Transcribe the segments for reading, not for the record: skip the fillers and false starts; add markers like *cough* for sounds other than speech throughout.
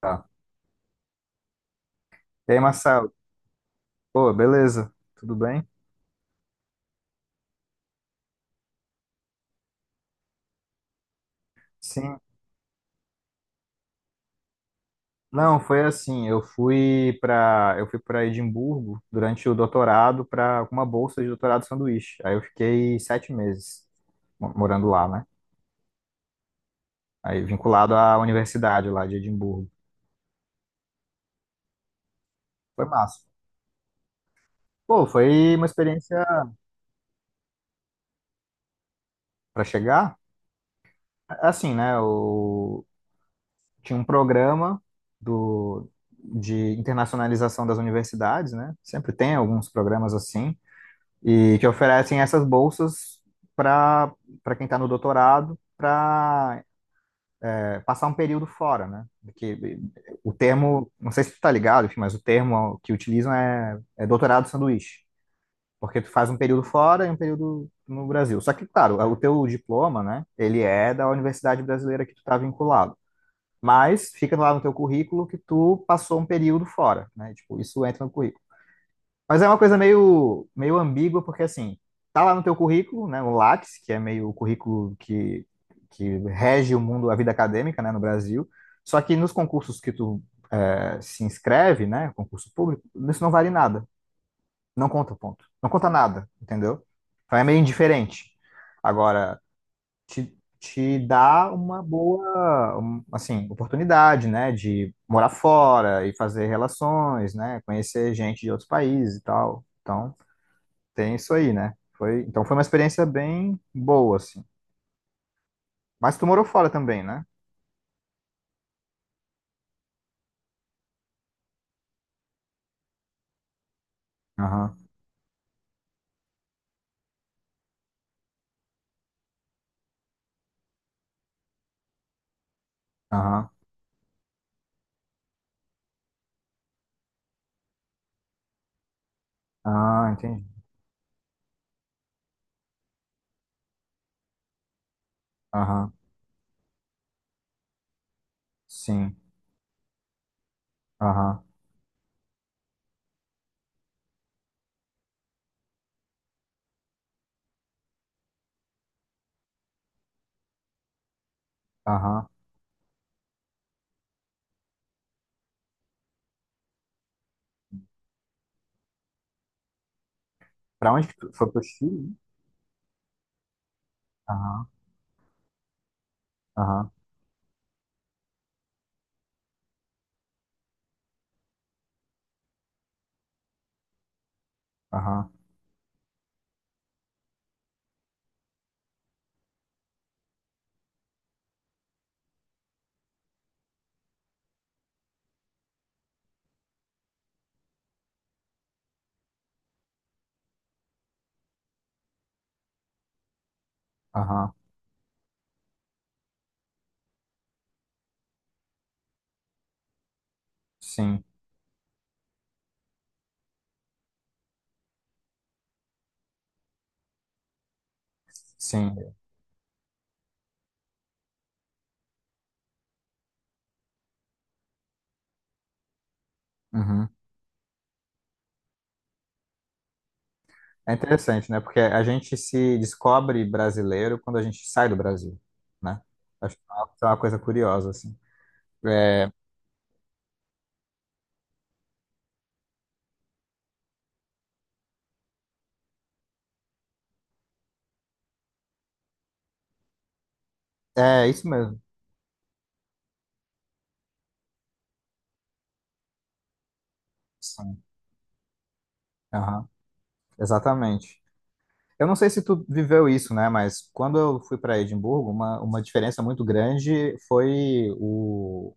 Tá. E aí, Marcelo? Pô, beleza? Tudo bem? Sim. Não, foi assim, eu fui para Edimburgo durante o doutorado para uma bolsa de doutorado sanduíche. Aí eu fiquei 7 meses morando lá, né? Aí vinculado à universidade lá de Edimburgo. Foi massa. Pô, foi uma experiência para chegar. Assim, né? Eu tinha um programa do de internacionalização das universidades, né? Sempre tem alguns programas assim, e que oferecem essas bolsas para para quem está no doutorado para passar um período fora, né? Porque o termo, não sei se tu tá ligado, enfim, mas o termo que utilizam é doutorado sanduíche, porque tu faz um período fora e um período no Brasil. Só que, claro, o teu diploma, né? Ele é da universidade brasileira que tu tá vinculado, mas fica lá no teu currículo que tu passou um período fora, né? Tipo, isso entra no currículo. Mas é uma coisa meio ambígua, porque assim, tá lá no teu currículo, né, o Lattes, que é meio o currículo que rege o mundo, a vida acadêmica, né, no Brasil, só que nos concursos que tu se inscreve, né, concurso público, isso não vale nada, não conta ponto, não conta nada, entendeu? Então é meio indiferente. Agora, te dá uma boa, um, assim, oportunidade, né, de morar fora e fazer relações, né, conhecer gente de outros países e tal. Então, tem isso aí, né? Então foi uma experiência bem boa, assim. Mas tu morou fora também, né? Aham, aham. Ah, entendi. Aham, sim. Aham, aham. Pra onde que tu foi, pro Chile? Aham, aham, aham, aham. Sim, sim. Uhum. É interessante, né? Porque a gente se descobre brasileiro quando a gente sai do Brasil, né? Acho que é uma coisa curiosa, assim. É, é, isso mesmo. Sim. Aham, exatamente. Eu não sei se tu viveu isso, né? Mas quando eu fui para Edimburgo, uma diferença muito grande foi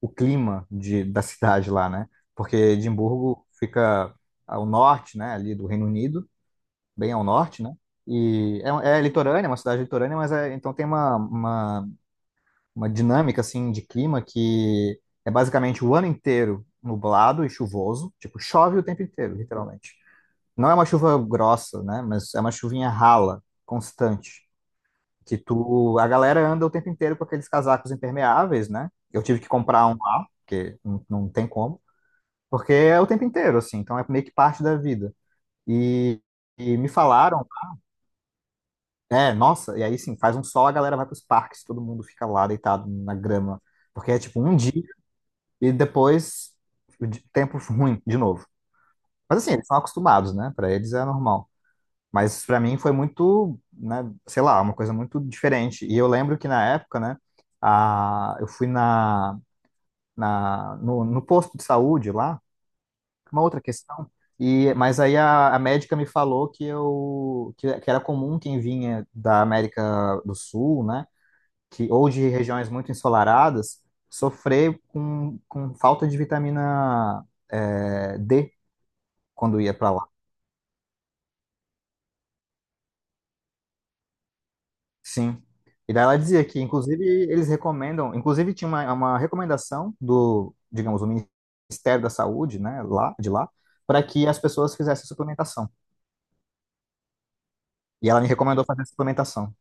o clima da cidade lá, né? Porque Edimburgo fica ao norte, né? Ali do Reino Unido, bem ao norte, né? E é litorânea, é uma cidade litorânea, mas então tem uma dinâmica assim de clima que é basicamente o ano inteiro nublado e chuvoso, tipo, chove o tempo inteiro, literalmente. Não é uma chuva grossa, né? Mas é uma chuvinha rala, constante. Que tu, a galera anda o tempo inteiro com aqueles casacos impermeáveis, né? Eu tive que comprar um lá, porque não, não tem como, porque é o tempo inteiro, assim, então é meio que parte da vida. E, e me falaram, nossa, e aí sim, faz um sol, a galera vai pros parques, todo mundo fica lá deitado na grama, porque é tipo um dia e depois o tempo ruim de novo. Mas assim, eles são acostumados, né? Pra eles é normal. Mas para mim foi muito, né, sei lá, uma coisa muito diferente. E eu lembro que na época, né, eu fui na, na no, no posto de saúde lá, uma outra questão. E mas aí a médica me falou que eu que era comum quem vinha da América do Sul, né, que ou de regiões muito ensolaradas, sofrer com falta de vitamina D quando ia para lá. Sim. E daí ela dizia que, inclusive, eles recomendam, inclusive tinha uma recomendação do, digamos, o Ministério da Saúde, né, lá, de lá, para que as pessoas fizessem suplementação. E ela me recomendou fazer suplementação.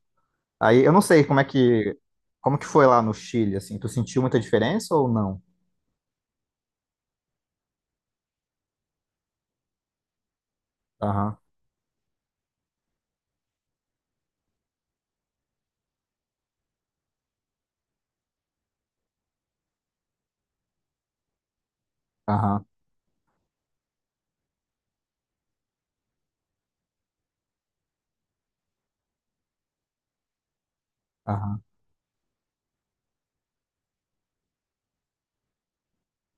Aí eu não sei como que foi lá no Chile, assim, tu sentiu muita diferença ou não? Aham, aham, aham,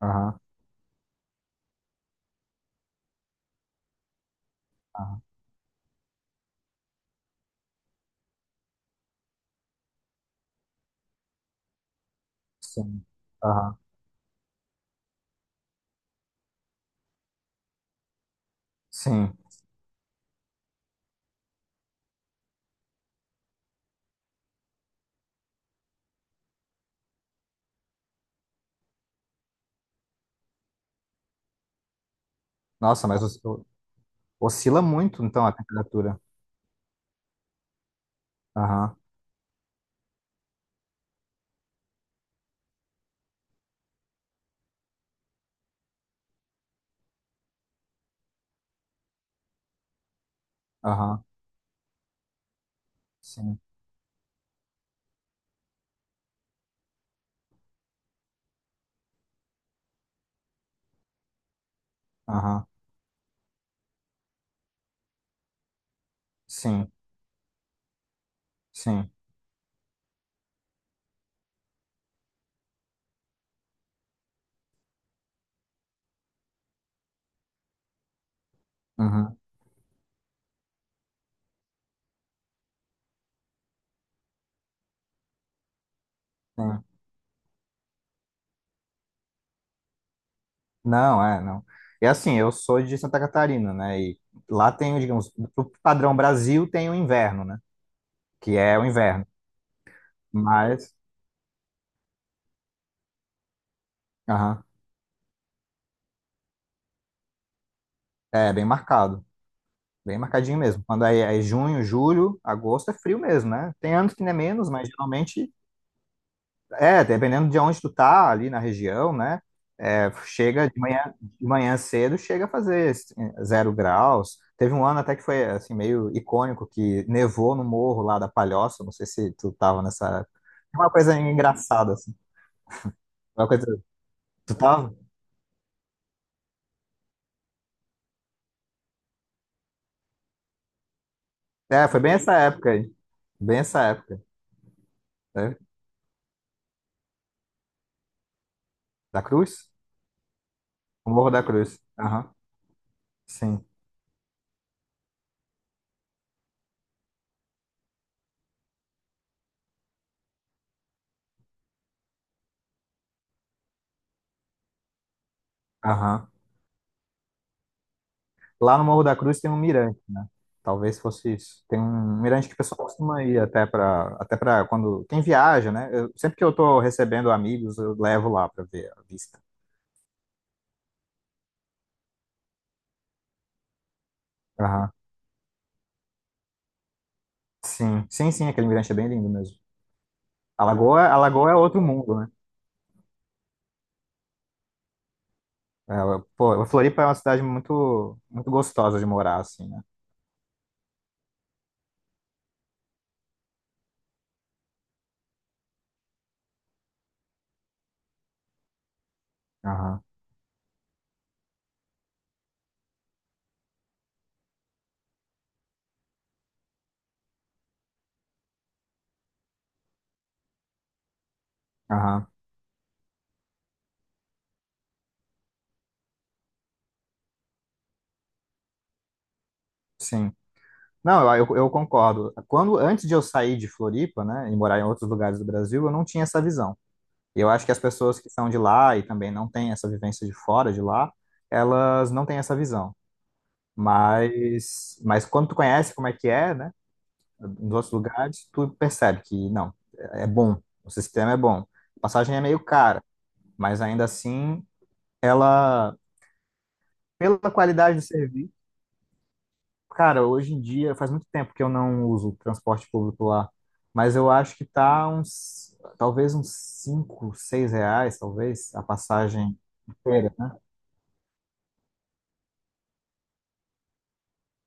aham, aham, sim, aham, sim. Nossa, mas oscila muito, então, a temperatura. Aham, aham, sim, aham, sim, sim. Uhum. Sim. Não, é, não. É assim, eu sou de Santa Catarina, né? E lá tem, digamos, o padrão Brasil tem o inverno, né? Que é o inverno. Mas, aham, é bem marcado, bem marcadinho mesmo. Quando aí é junho, julho, agosto é frio mesmo, né? Tem anos que não é menos, mas geralmente é, dependendo de onde tu tá ali na região, né? É, chega de manhã cedo, chega a fazer 0 graus. Teve um ano até que foi assim meio icônico que nevou no morro lá da Palhoça. Não sei se tu tava nessa época. É uma coisa engraçada assim. É uma coisa. Tu tava? É, foi bem essa época aí. Bem essa época, né? Da Cruz? O Morro da Cruz. Aham. Sim. Aham. Lá no Morro da Cruz tem um mirante, né? Talvez fosse isso. Tem um mirante que o pessoal costuma ir até para quando quem viaja, né? Sempre que eu tô recebendo amigos, eu levo lá para ver a vista. Aham. Sim, sim, sim, aquele mirante é bem lindo mesmo. A Lagoa é outro mundo, né? É, pô, a Floripa é uma cidade muito muito gostosa de morar assim, né? Aham. Aham. Sim. Não, eu concordo. Quando antes de eu sair de Floripa, né, e morar em outros lugares do Brasil, eu não tinha essa visão. E eu acho que as pessoas que são de lá e também não têm essa vivência de fora de lá, elas não têm essa visão. Mas, quando tu conhece como é que é, né, nos outros lugares, tu percebe que não, é bom, o sistema é bom. A passagem é meio cara, mas ainda assim, ela, pela qualidade do serviço, cara, hoje em dia, faz muito tempo que eu não uso transporte público lá, mas eu acho que tá uns, talvez uns 5, 6 reais, talvez, a passagem inteira. Né?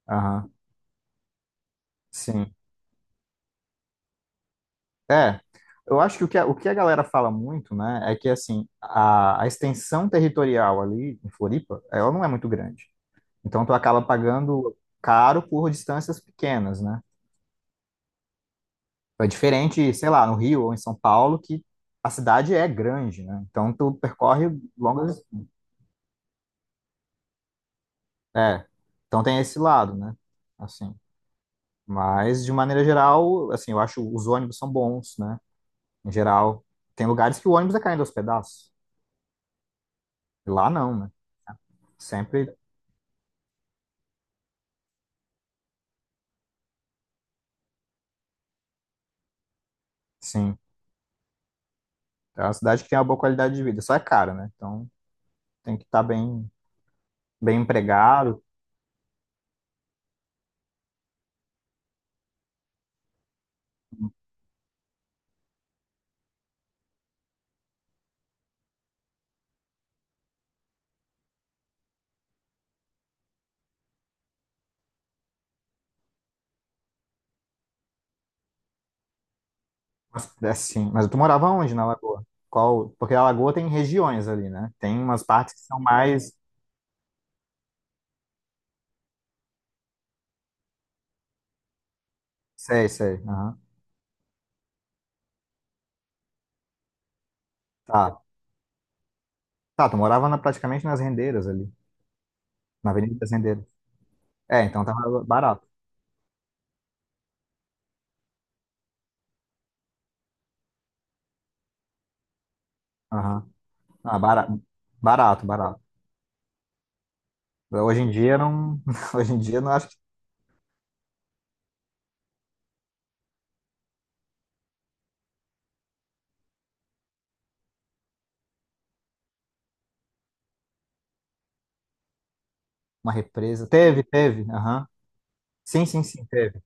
Aham. Sim. É, eu acho que o que a galera fala muito, né, é que, assim, a extensão territorial ali em Floripa, ela não é muito grande. Então, tu acaba pagando caro por distâncias pequenas, né? É diferente, sei lá, no Rio ou em São Paulo, que a cidade é grande, né? Então, tu percorre longas... É, então tem esse lado, né? Assim, mas, de maneira geral, assim, eu acho os ônibus são bons, né? Em geral. Tem lugares que o ônibus é caindo aos pedaços. Lá não, né? Sempre. Sim, é uma cidade que tem uma boa qualidade de vida, só é cara, né? Então tem que estar bem, bem empregado, mas, é assim. Mas tu morava onde na Lagoa? Qual? Porque a Lagoa tem regiões ali, né? Tem umas partes que são mais. Sei, sei. Aham. Tá. Tá, tu morava praticamente nas rendeiras ali, na Avenida das Rendeiras. É, então tava barato. Aham. Ah, barato, barato. Hoje em dia não. *laughs* Hoje em dia não acho que uma represa. Teve, teve. Aham. Sim, sim, sim, teve.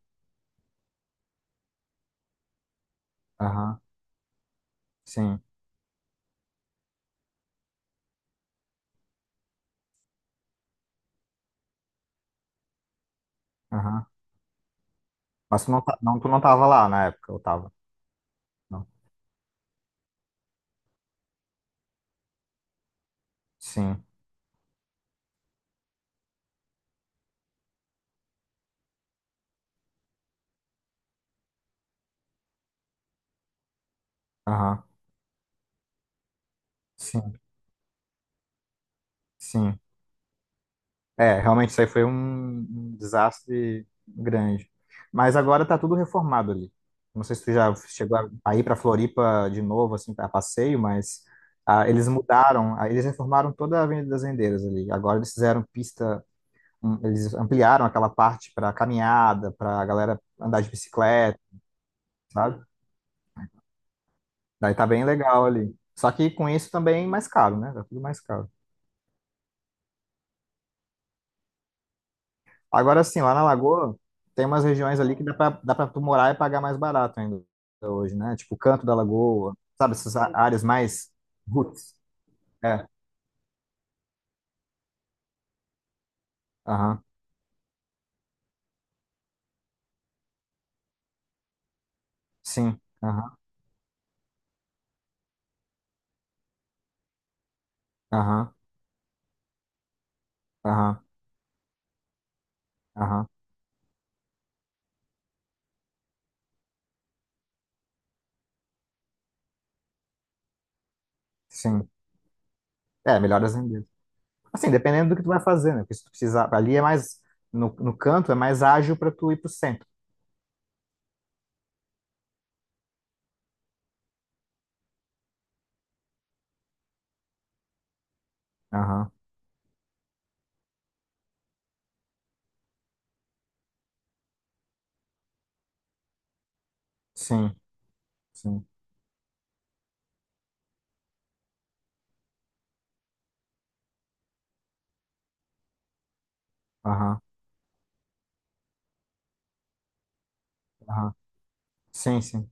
Aham. Sim. Aham. Mas tu não, não, tu não tava lá na época, eu tava. Não. Sim, aham, sim, sim. É, realmente isso aí foi um desastre grande. Mas agora tá tudo reformado ali. Não sei se tu já chegou a ir pra Floripa de novo, assim, a passeio, mas eles mudaram, eles reformaram toda a Avenida das Rendeiras ali. Agora eles fizeram pista, eles ampliaram aquela parte pra caminhada, pra galera andar de bicicleta, sabe? Daí tá bem legal ali. Só que com isso também é mais caro, né? Tá tudo mais caro. Agora sim, lá na Lagoa tem umas regiões ali que dá pra tu morar e pagar mais barato ainda hoje, né? Tipo, o canto da Lagoa, sabe? Essas áreas mais roots. É, aham, sim, aham, aham, aham, aham, sim. É, melhor as rendidas. Assim, dependendo do que tu vai fazer, né? Porque se tu precisar, ali é mais, no canto é mais ágil pra tu ir pro centro. Aham, sim, sim, aham, aham, sim, sim.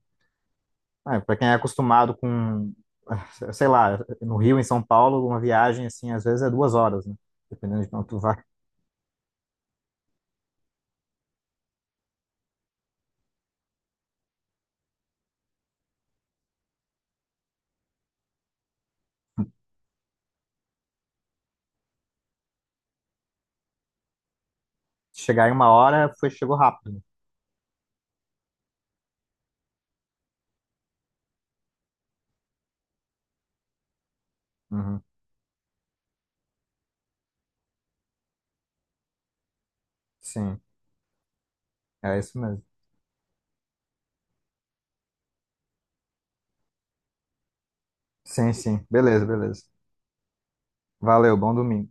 Ah, para quem é acostumado com, *laughs* ah, sei lá, no Rio, em São Paulo, uma viagem assim, às vezes é 2 horas, né? Dependendo de onde tu vai. Chegar em uma hora, chegou rápido, né? Uhum. Sim, é isso mesmo. Sim, sim. Beleza, beleza. Valeu, bom domingo.